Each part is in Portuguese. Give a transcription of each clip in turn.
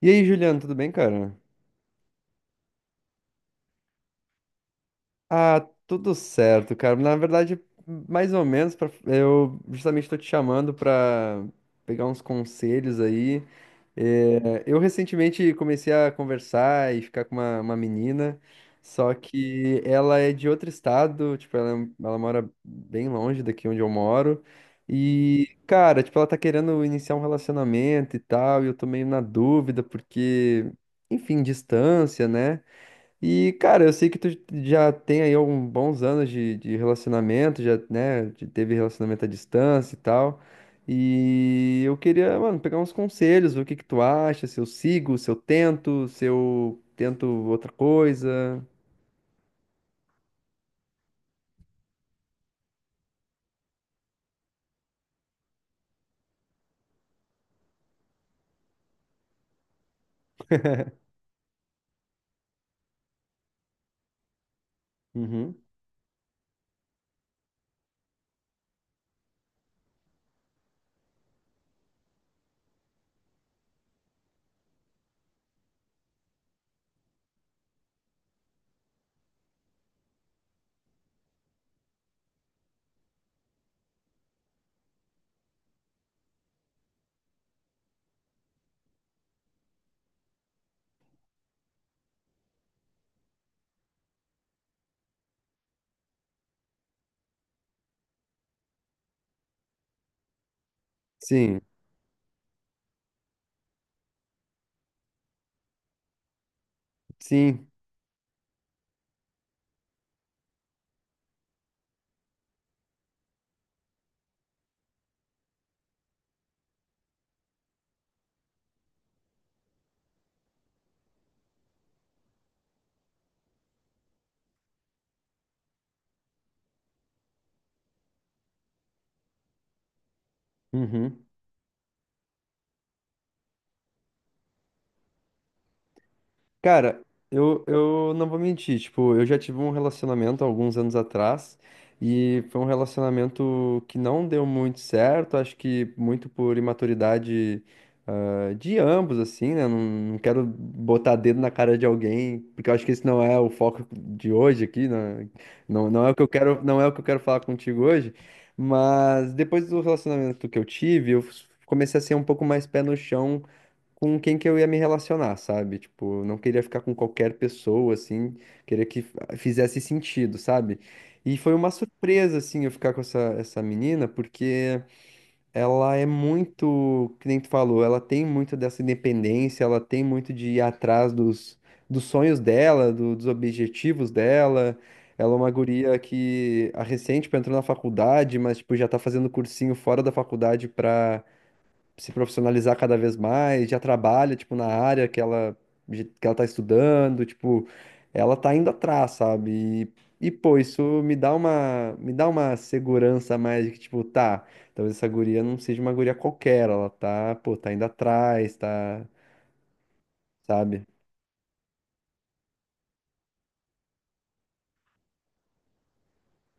E aí, Juliano, tudo bem, cara? Ah, tudo certo, cara. Na verdade, mais ou menos, eu justamente tô te chamando pra pegar uns conselhos aí. É, eu recentemente comecei a conversar e ficar com uma menina, só que ela é de outro estado, tipo, ela mora bem longe daqui onde eu moro. E, cara, tipo, ela tá querendo iniciar um relacionamento e tal, e eu tô meio na dúvida, porque, enfim, distância, né? E, cara, eu sei que tu já tem aí alguns bons anos de relacionamento, já, né, teve relacionamento à distância e tal. E eu queria, mano, pegar uns conselhos, ver o que que tu acha, se eu sigo, se eu tento outra coisa. Uhum. Sim, sim. Uhum. Cara, eu não vou mentir, tipo, eu já tive um relacionamento há alguns anos atrás e foi um relacionamento que não deu muito certo, acho que muito por imaturidade, de ambos, assim, né? Não, não quero botar dedo na cara de alguém, porque eu acho que esse não é o foco de hoje aqui, né? Não, não é o que eu quero, não é o que eu quero falar contigo hoje, mas depois do relacionamento que eu tive, eu comecei a ser um pouco mais pé no chão com quem que eu ia me relacionar, sabe? Tipo, eu não queria ficar com qualquer pessoa, assim, queria que fizesse sentido, sabe? E foi uma surpresa, assim, eu ficar com essa menina, porque ela é muito, que nem tu falou, ela tem muito dessa independência, ela tem muito de ir atrás dos sonhos dela, dos objetivos dela. Ela é uma guria que a recente tipo, entrou na faculdade, mas tipo, já tá fazendo cursinho fora da faculdade se profissionalizar cada vez mais, já trabalha, tipo, na área que ela tá estudando, tipo, ela tá indo atrás, sabe? E pô, isso me dá uma segurança a mais de que, tipo, tá, talvez essa guria não seja uma guria qualquer, ela tá, pô, tá indo atrás, tá, sabe?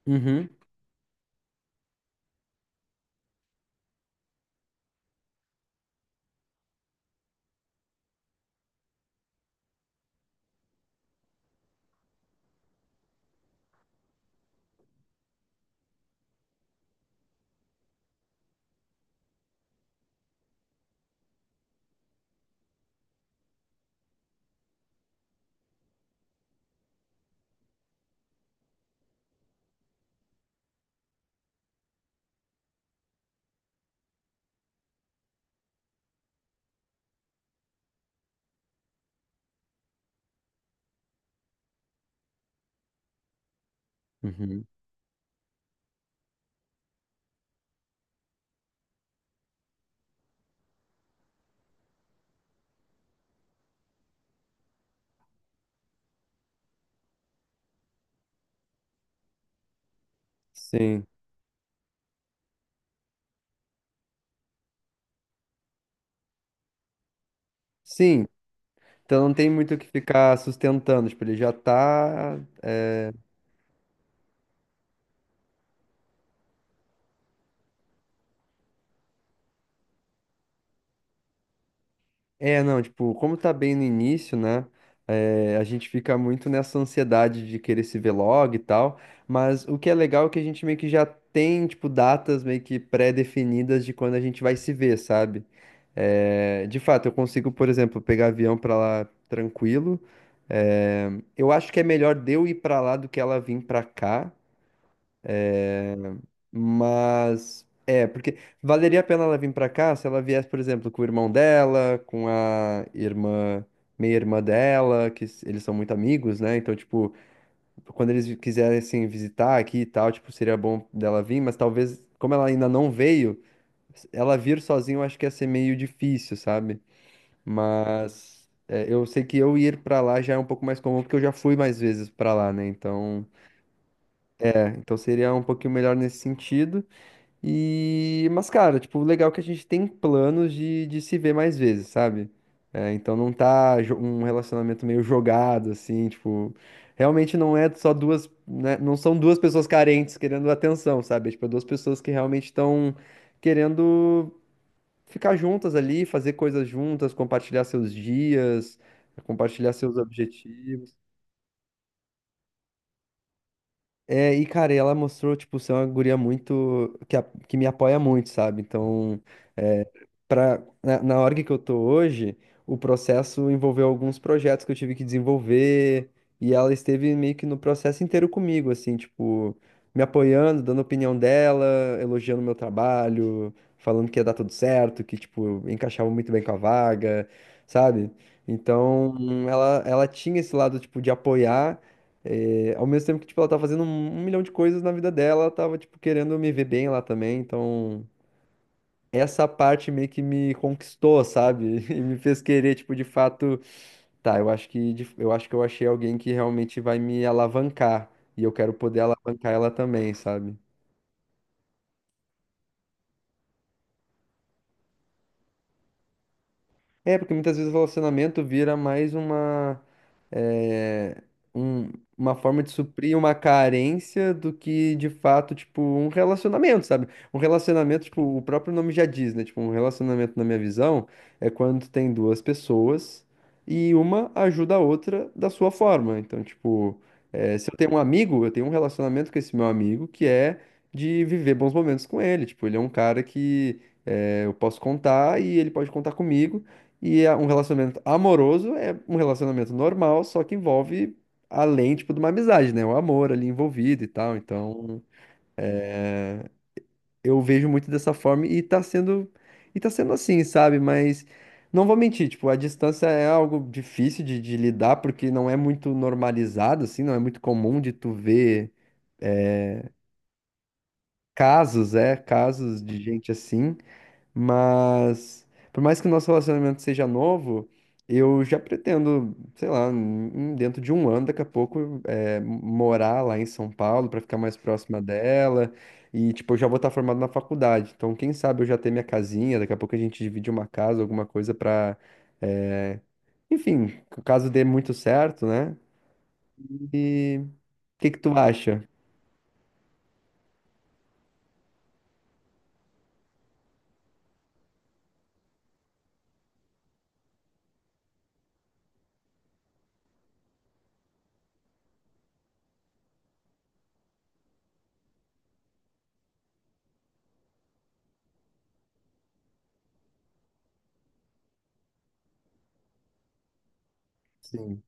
Uhum. Uhum. Sim. Sim. Então não tem muito o que ficar sustentando, tipo, ele já tá é. É, não, tipo, como tá bem no início, né? É, a gente fica muito nessa ansiedade de querer se ver logo e tal, mas o que é legal é que a gente meio que já tem, tipo, datas meio que pré-definidas de quando a gente vai se ver, sabe? É, de fato, eu consigo, por exemplo, pegar avião pra lá tranquilo. É, eu acho que é melhor de eu ir pra lá do que ela vir pra cá. Mas é, porque valeria a pena ela vir pra cá se ela viesse, por exemplo, com o irmão dela, com a irmã, meia-irmã dela, que eles são muito amigos, né? Então, tipo, quando eles quisessem visitar aqui e tal, tipo, seria bom dela vir, mas talvez, como ela ainda não veio, ela vir sozinha eu acho que ia ser meio difícil, sabe? Mas é, eu sei que eu ir pra lá já é um pouco mais comum, porque eu já fui mais vezes pra lá, né? Então, seria um pouquinho melhor nesse sentido. E, mas, cara, tipo, o legal é que a gente tem planos de se ver mais vezes, sabe? É, então não tá um relacionamento meio jogado, assim, tipo, realmente não é só duas, né, não são duas pessoas carentes querendo atenção, sabe? É, tipo, é duas pessoas que realmente estão querendo ficar juntas ali, fazer coisas juntas, compartilhar seus dias, compartilhar seus objetivos. É, e cara, ela mostrou, tipo, ser uma guria muito, que, que me apoia muito, sabe? Então, é, na org que eu tô hoje, o processo envolveu alguns projetos que eu tive que desenvolver, e ela esteve meio que no processo inteiro comigo, assim, tipo, me apoiando, dando a opinião dela, elogiando o meu trabalho, falando que ia dar tudo certo, que, tipo, encaixava muito bem com a vaga, sabe? Então, ela tinha esse lado, tipo, de apoiar ao mesmo tempo que, tipo, ela tá fazendo um milhão de coisas na vida dela, ela tava, tipo, querendo me ver bem lá também, então... Essa parte meio que me conquistou, sabe? E me fez querer, tipo, de fato, tá, eu acho que eu achei alguém que realmente vai me alavancar e eu quero poder alavancar ela também, sabe? É, porque muitas vezes o relacionamento vira mais eh, um- uma forma de suprir uma carência do que, de fato, tipo, um relacionamento, sabe? Um relacionamento, tipo, o próprio nome já diz, né? Tipo, um relacionamento, na minha visão, é quando tem duas pessoas e uma ajuda a outra da sua forma. Então, tipo, se eu tenho um amigo, eu tenho um relacionamento com esse meu amigo que é de viver bons momentos com ele. Tipo, ele é um cara que eu posso contar e ele pode contar comigo. E um relacionamento amoroso é um relacionamento normal, só que envolve além, tipo, de uma amizade, né? O amor ali envolvido e tal. Então, eu vejo muito dessa forma e tá sendo assim, sabe? Mas não vou mentir, tipo, a distância é algo difícil de lidar porque não é muito normalizado assim, não é muito comum de tu ver é, casos de gente assim. Mas, por mais que o nosso relacionamento seja novo, eu já pretendo, sei lá, dentro de um ano, daqui a pouco, morar lá em São Paulo para ficar mais próxima dela. E, tipo, eu já vou estar formado na faculdade. Então, quem sabe eu já ter minha casinha, daqui a pouco a gente divide uma casa, alguma coisa pra. é, Enfim, caso dê muito certo, né? E o que que tu acha? Sim.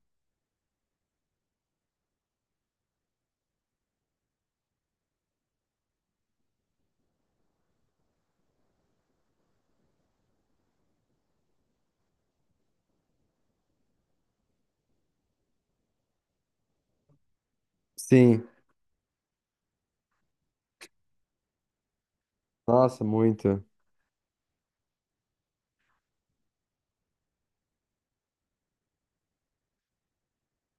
Sim. Nossa, muito.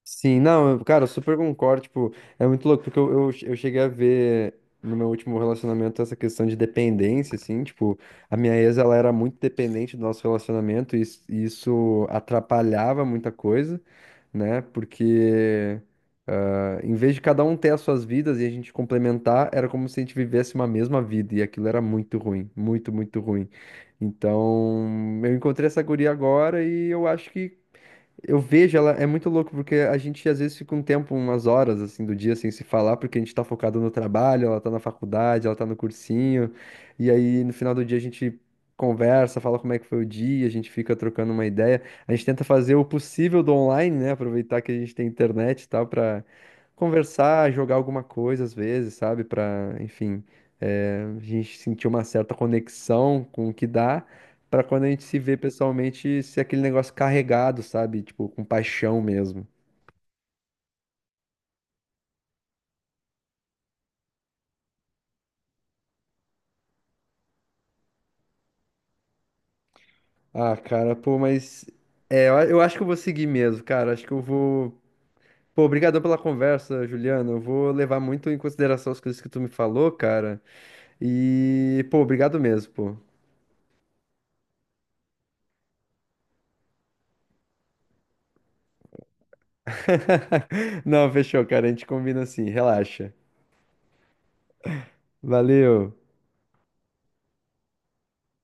Sim, não, cara, eu super concordo, tipo, é muito louco, porque eu cheguei a ver no meu último relacionamento essa questão de dependência, assim, tipo, a minha ex, ela era muito dependente do nosso relacionamento e isso atrapalhava muita coisa, né, porque em vez de cada um ter as suas vidas e a gente complementar, era como se a gente vivesse uma mesma vida e aquilo era muito ruim, muito, muito ruim. Então, eu encontrei essa guria agora e eu acho que eu vejo ela, é muito louco, porque a gente às vezes fica um tempo, umas horas assim do dia sem se falar, porque a gente tá focado no trabalho, ela tá na faculdade, ela tá no cursinho, e aí no final do dia a gente conversa, fala como é que foi o dia, a gente fica trocando uma ideia, a gente tenta fazer o possível do online, né? Aproveitar que a gente tem internet e tal, pra conversar, jogar alguma coisa às vezes, sabe? Pra, enfim, a gente sentir uma certa conexão com o que dá. Pra quando a gente se vê pessoalmente, ser aquele negócio carregado, sabe? Tipo, com paixão mesmo. Ah, cara, pô, mas. É, eu acho que eu vou seguir mesmo, cara. Acho que eu vou. Pô, obrigadão pela conversa, Juliano. Eu vou levar muito em consideração as coisas que tu me falou, cara. E, pô, obrigado mesmo, pô. Não, fechou, cara. A gente combina assim, relaxa. Valeu.